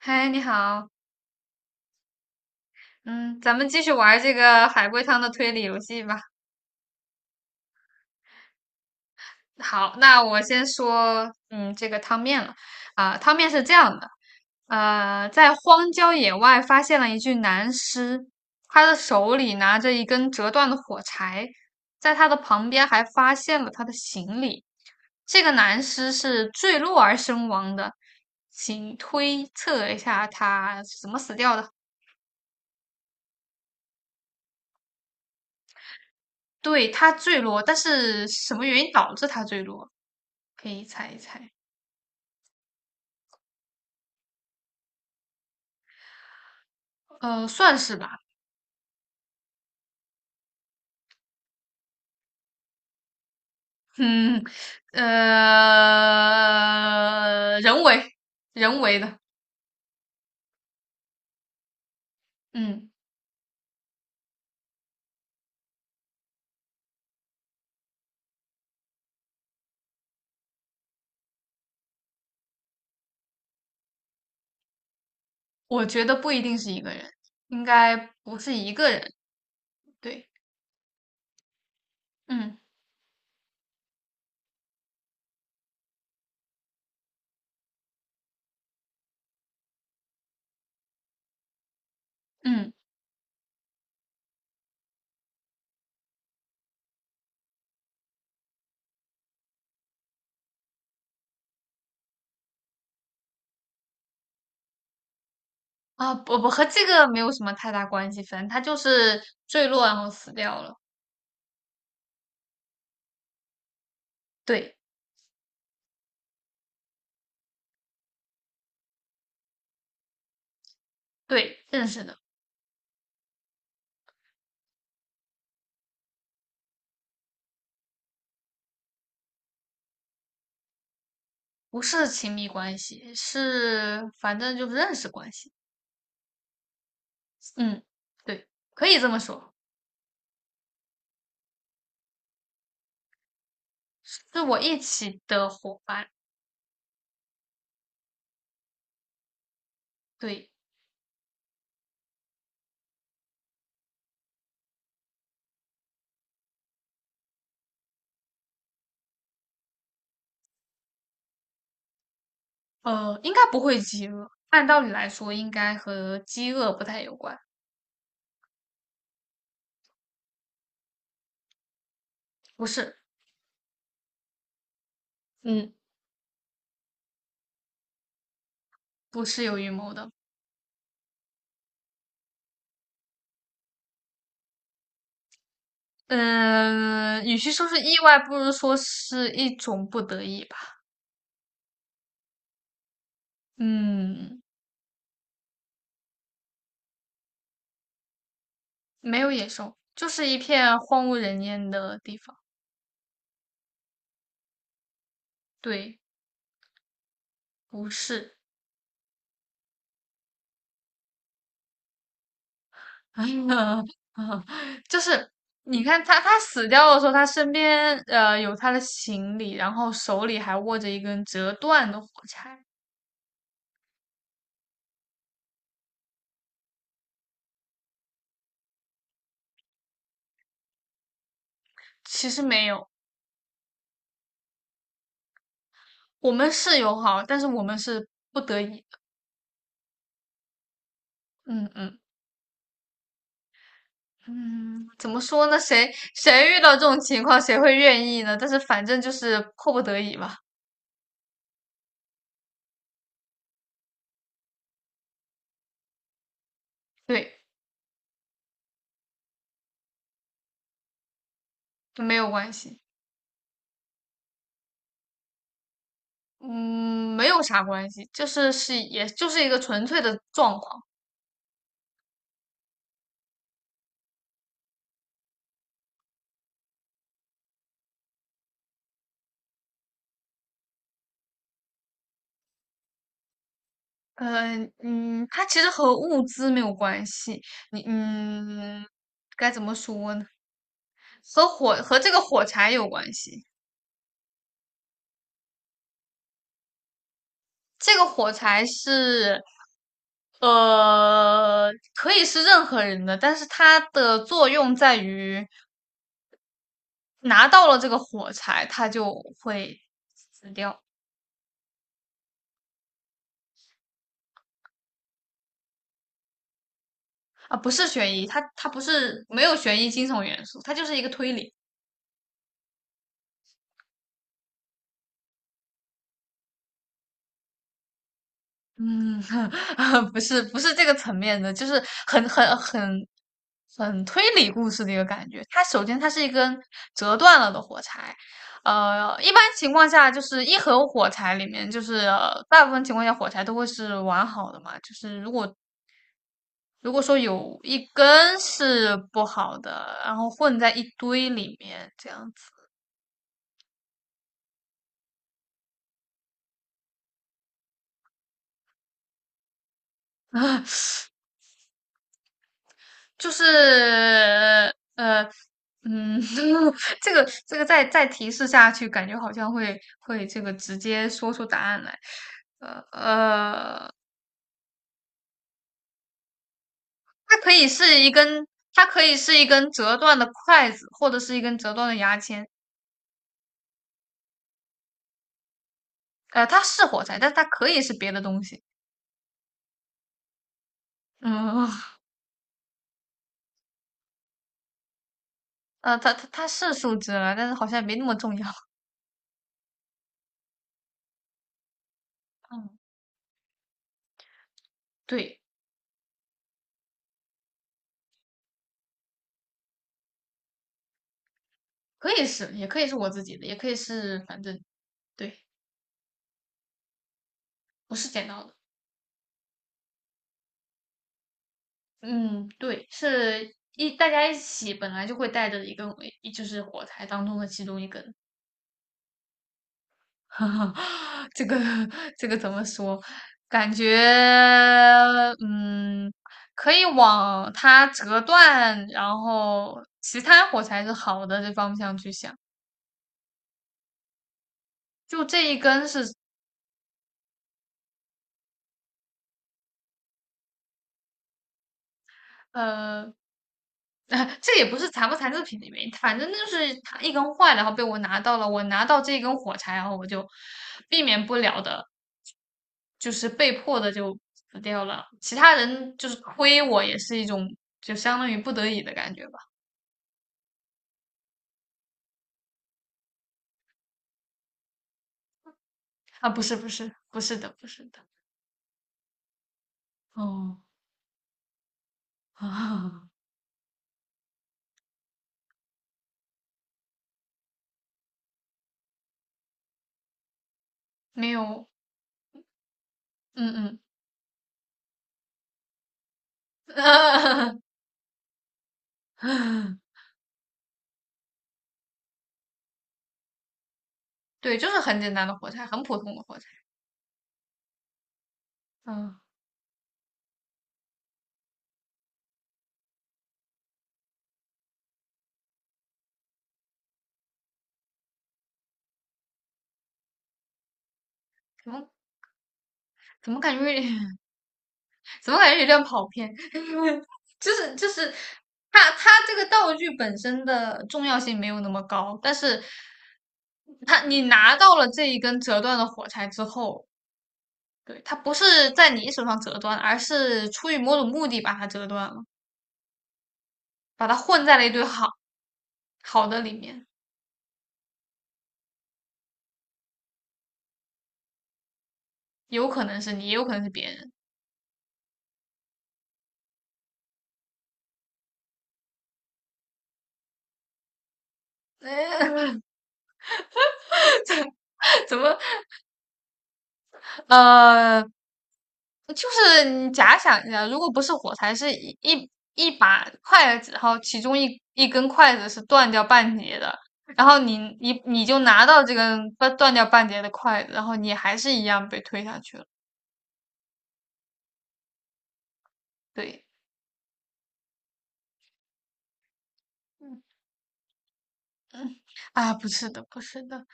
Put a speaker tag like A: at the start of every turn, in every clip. A: 嗨，你好，嗯，咱们继续玩儿这个海龟汤的推理游戏吧。好，那我先说，这个汤面了。啊、汤面是这样的，在荒郊野外发现了一具男尸，他的手里拿着一根折断的火柴，在他的旁边还发现了他的行李。这个男尸是坠落而身亡的，请推测一下他是怎么死掉的。对，他坠落，但是什么原因导致他坠落？可以猜一猜，算是吧。嗯，人为，人为的，嗯，我觉得不一定是一个人，应该不是一个人，对。嗯嗯，啊，不不，和这个没有什么太大关系，反正他就是坠落然后死掉了。对对，认识的，不是亲密关系，是反正就是认识关系。嗯，对，可以这么说，是我一起的伙伴。对，应该不会饥饿，按道理来说应该和饥饿不太有关，不是。嗯，不是有预谋的。嗯，与其说是意外，不如说是一种不得已吧。嗯，没有野兽，就是一片荒无人烟的地方。对，不是。哎呀，啊，就是你看他，他死掉的时候，他身边有他的行李，然后手里还握着一根折断的火柴。其实没有，我们是友好，但是我们是不得已的。嗯嗯嗯，怎么说呢？谁遇到这种情况，谁会愿意呢？但是反正就是迫不得已吧。对，没有关系，嗯，没有啥关系，就是就是一个纯粹的状况。嗯，它其实和物资没有关系。你嗯，该怎么说呢？和火和这个火柴有关系。这个火柴是，可以是任何人的，但是它的作用在于拿到了这个火柴，它就会死掉。啊，不是悬疑，它不是没有悬疑惊悚元素，它就是一个推理。嗯，不是不是这个层面的，就是很很很很推理故事的一个感觉。它首先它是一根折断了的火柴，一般情况下就是一盒火柴里面，就是大部分情况下火柴都会是完好的嘛，就是如果说有一根是不好的，然后混在一堆里面这样子。就是呃嗯，这个再提示下去，感觉好像会这个直接说出答案来。呃呃，它可以是一根，它可以是一根折断的筷子，或者是一根折断的牙签。呃，它是火柴，但它可以是别的东西。嗯，它是树枝了，但是好像也没那么重要。嗯，对，可以是，也可以是我自己的，也可以是，反正对，不是剪刀的。嗯，对，是大家一起本来就会带着一个，就是火柴当中的其中一根。这个这个怎么说？感觉嗯，可以往它折断，然后其他火柴是好的这方向去想。就这一根是呃，这也不是残不残制品的原因，反正就是它一根坏了，然后被我拿到了，我拿到这一根火柴，然后我就避免不了的。就是被迫的就死掉了。其他人就是推我，也是一种就相当于不得已的感觉吧。啊，不是的。哦，啊，没有。嗯嗯，对，就是很简单的火柴，很普通的火柴。嗯，怎么怎么感觉有点 怎么感觉有点跑偏？就是这个道具本身的重要性没有那么高，但是它你拿到了这一根折断的火柴之后，对，它不是在你手上折断，而是出于某种目的把它折断了，把它混在了一堆好的里面，有可能是你，也有可能是别人。怎么？呃，就是你假想一下，如果不是火柴，是一把筷子，然后其中一根筷子是断掉半截的，然后你就拿到这根断掉半截的筷子，然后你还是一样被推下去了。对，嗯嗯，啊，不是的。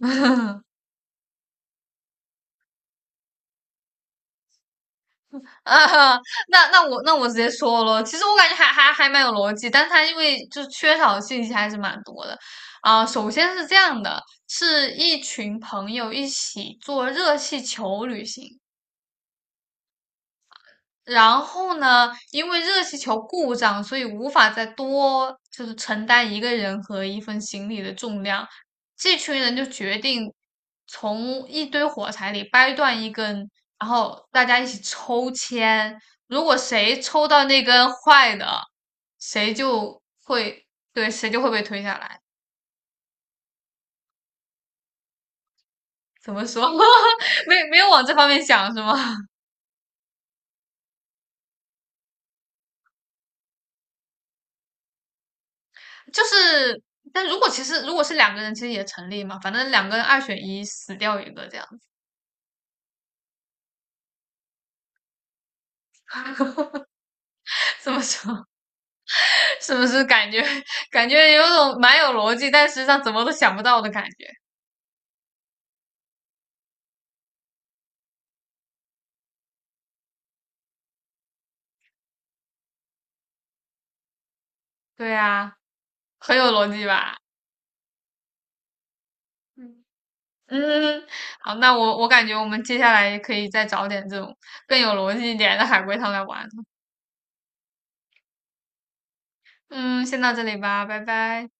A: 啊，哈，那我直接说咯，其实我感觉还蛮有逻辑，但是它因为就是缺少的信息还是蛮多的。啊、首先是这样的，是一群朋友一起做热气球旅行，然后呢，因为热气球故障，所以无法再多就是承担一个人和一份行李的重量。这群人就决定从一堆火柴里掰断一根，然后大家一起抽签。如果谁抽到那根坏的，谁就会，对，谁就会被推下来。怎么说？没有往这方面想是吗？就是，但如果其实如果是两个人，其实也成立嘛。反正两个人二选一，死掉一个这样。这么说是不是感觉有种蛮有逻辑，但实际上怎么都想不到的感觉？对啊，很有逻辑吧？嗯，嗯，好，我感觉我们接下来可以再找点这种更有逻辑一点的海龟汤来玩。嗯，先到这里吧，拜拜。